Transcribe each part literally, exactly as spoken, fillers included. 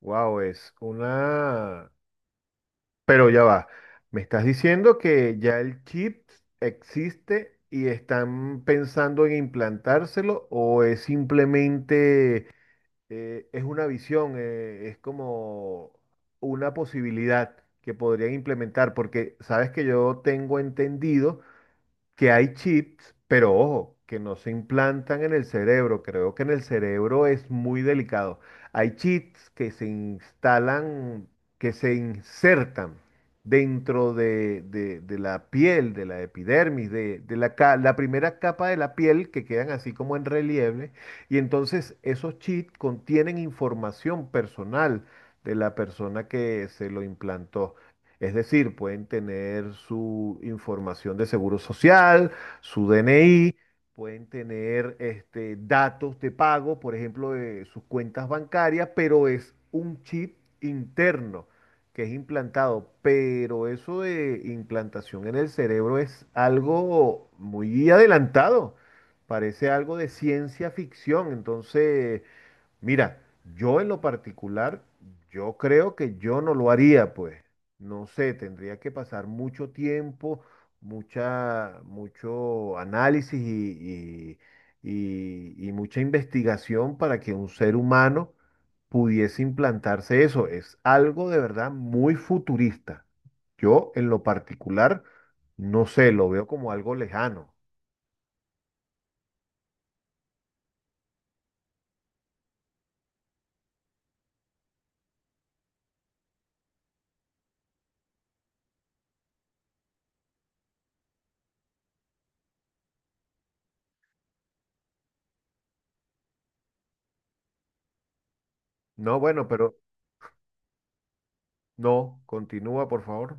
Wow, es una... Pero ya va. Me estás diciendo que ya el chip existe y están pensando en implantárselo, o es simplemente, eh, es una visión. Eh, es como una posibilidad que podrían implementar, porque sabes que yo tengo entendido que hay chips, pero ojo, que no se implantan en el cerebro. Creo que en el cerebro es muy delicado. Hay chips que se instalan, que se insertan dentro de, de- de la piel, de la epidermis, de, de la, ca- la primera capa de la piel, que quedan así como en relieve. Y entonces esos chips contienen información personal de la persona que se lo implantó. Es decir, pueden tener su información de seguro social, su D N I, pueden tener este, datos de pago, por ejemplo, de sus cuentas bancarias, pero es un chip interno que es implantado. Pero eso de implantación en el cerebro es algo muy adelantado. Parece algo de ciencia ficción. Entonces, mira, yo en lo particular, yo creo que yo no lo haría, pues. No sé, tendría que pasar mucho tiempo, mucha, mucho análisis y, y- y- y mucha investigación para que un ser humano pudiese implantarse eso. Es algo de verdad muy futurista. Yo en lo particular, no sé, lo veo como algo lejano. No, bueno, pero no, continúa, por favor.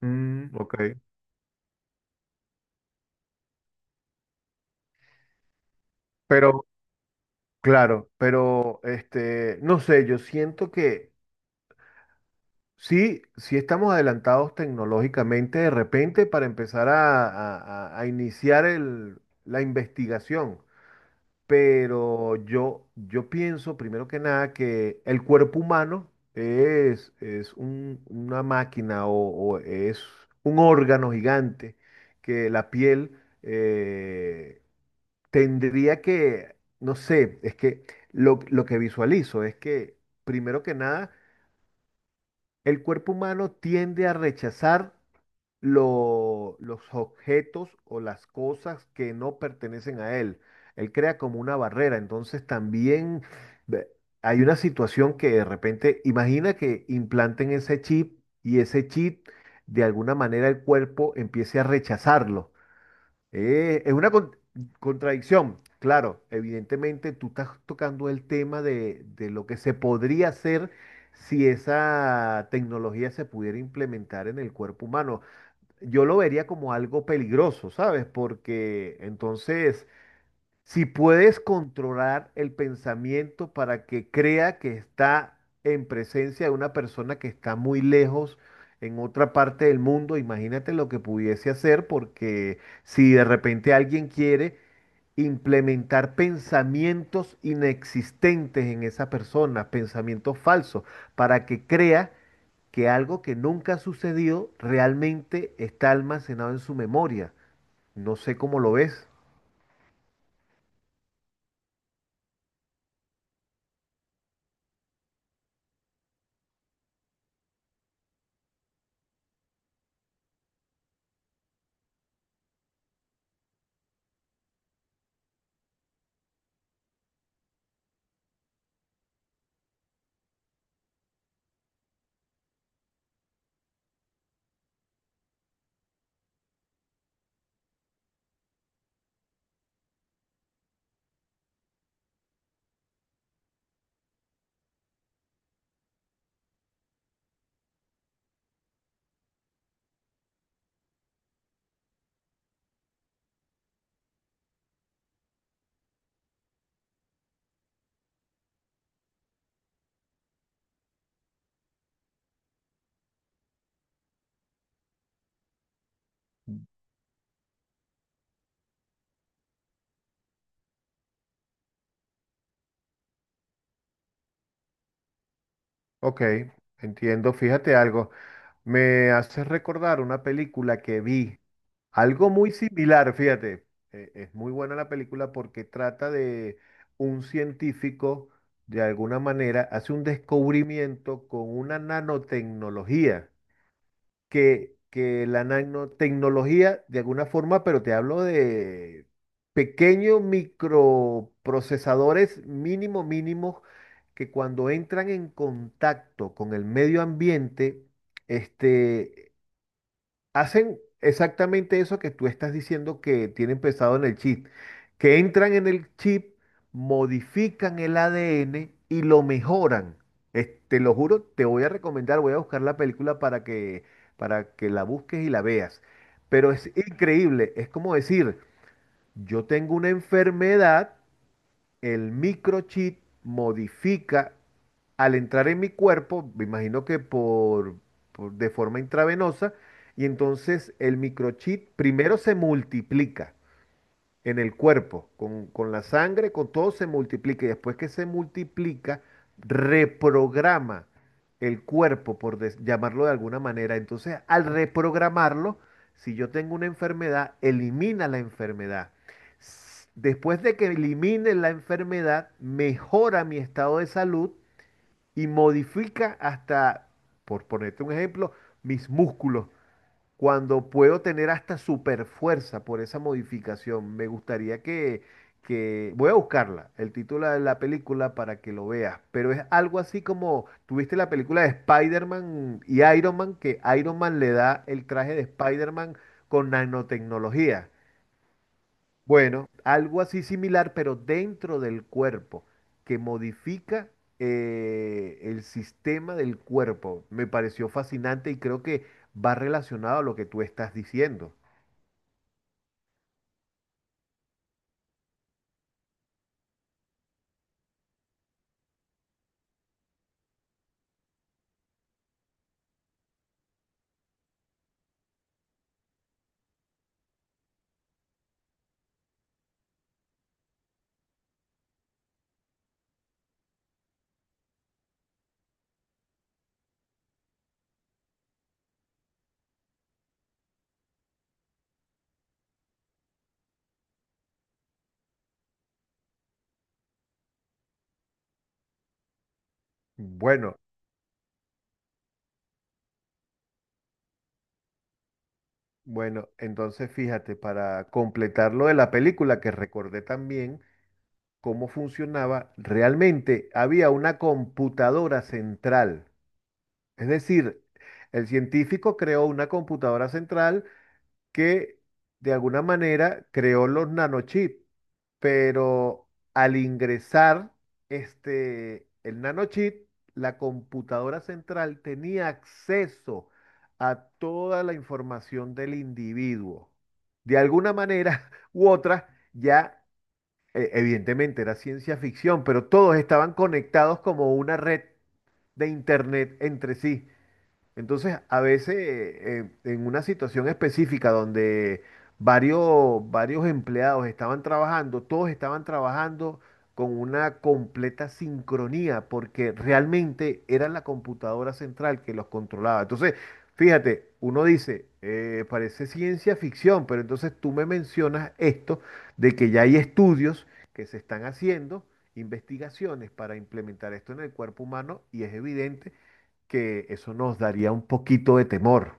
Mm, ok. Pero claro, pero este, no sé, yo siento que sí, sí estamos adelantados tecnológicamente de repente para empezar a, a- a- a iniciar el- la investigación, pero yo, yo pienso primero que nada que el cuerpo humano es, es un- una máquina, o, o es un órgano gigante que la piel... eh, tendría que, no sé, es que lo, lo que visualizo es que, primero que nada, el cuerpo humano tiende a rechazar lo- los objetos o las cosas que no pertenecen a él. Él crea como una barrera. Entonces también ve- hay una situación que de repente, imagina que implanten ese chip, y ese chip, de alguna manera, el cuerpo empiece a rechazarlo. Eh, es una con- contradicción. Claro, evidentemente tú estás tocando el tema de, de lo que se podría hacer si esa tecnología se pudiera implementar en el cuerpo humano. Yo lo vería como algo peligroso, ¿sabes? Porque entonces, si puedes controlar el pensamiento para que crea que está en presencia de una persona que está muy lejos en otra parte del mundo, imagínate lo que pudiese hacer, porque si de repente alguien quiere implementar pensamientos inexistentes en esa persona, pensamientos falsos, para que crea que algo que nunca ha sucedido realmente está almacenado en su memoria. No sé cómo lo ves. Ok, entiendo. Fíjate algo. Me hace recordar una película que vi, algo muy similar, fíjate. Eh, es muy buena la película porque trata de un científico, de alguna manera, hace un descubrimiento con una nanotecnología que, que la nanotecnología, de alguna forma, pero te hablo de pequeños microprocesadores mínimo mínimos que cuando entran en contacto con el medio ambiente, este, hacen exactamente eso que tú estás diciendo que tienen pensado en el chip, que entran en el chip, modifican el A D N y lo mejoran. Es- te lo juro, te voy a recomendar, voy a buscar la película para que, para que la busques y la veas. Pero es increíble. Es como decir, yo tengo una enfermedad, el microchip modifica al entrar en mi cuerpo, me imagino que por, por- de forma intravenosa, y entonces el microchip primero se multiplica en el cuerpo, con, con la sangre, con todo se multiplica, y después que se multiplica, reprograma el cuerpo, por des- llamarlo de alguna manera. Entonces, al reprogramarlo, si yo tengo una enfermedad, elimina la enfermedad. S- Después de que elimine la enfermedad, mejora mi estado de salud, y modifica hasta, por ponerte un ejemplo, mis músculos, cuando puedo tener hasta super fuerza por esa modificación. Me gustaría que, que... Voy a buscarla, el título de la película para que lo veas, pero es algo así como, tuviste la película de Spider-Man y Iron Man, que Iron Man le da el traje de Spider-Man con nanotecnología. Bueno, algo así similar, pero dentro del cuerpo, que modifica, eh, el sistema del cuerpo. Me pareció fascinante y creo que va relacionado a lo que tú estás diciendo. Bueno, bueno, entonces fíjate, para completar lo de la película, que recordé también cómo funcionaba, realmente había una computadora central. Es decir, el científico creó una computadora central que, de alguna manera, creó los nanochips, pero al ingresar este, el nanochip, la computadora central tenía acceso a toda la información del individuo. De alguna manera u otra, ya eh, evidentemente era ciencia ficción, pero todos estaban conectados como una red de internet entre sí. Entonces, a veces, eh, en una situación específica donde varios, varios empleados estaban trabajando, todos estaban trabajando con una completa sincronía, porque realmente era la computadora central que los controlaba. Entonces, fíjate, uno dice, eh, parece ciencia ficción, pero entonces tú me mencionas esto de que ya hay estudios que se están haciendo, investigaciones para implementar esto en el cuerpo humano, y es evidente que eso nos daría un poquito de temor.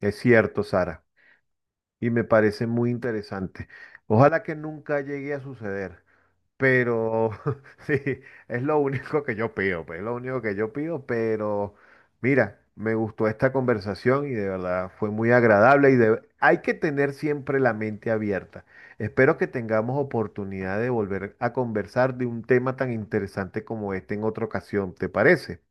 Es cierto, Sara, y me parece muy interesante. Ojalá que nunca llegue a suceder, pero sí, es lo único que yo pido, pues, es lo único que yo pido, pero mira, me gustó esta conversación y de verdad fue muy agradable, y de- hay que tener siempre la mente abierta. Espero que tengamos oportunidad de volver a conversar de un tema tan interesante como este en otra ocasión, ¿te parece?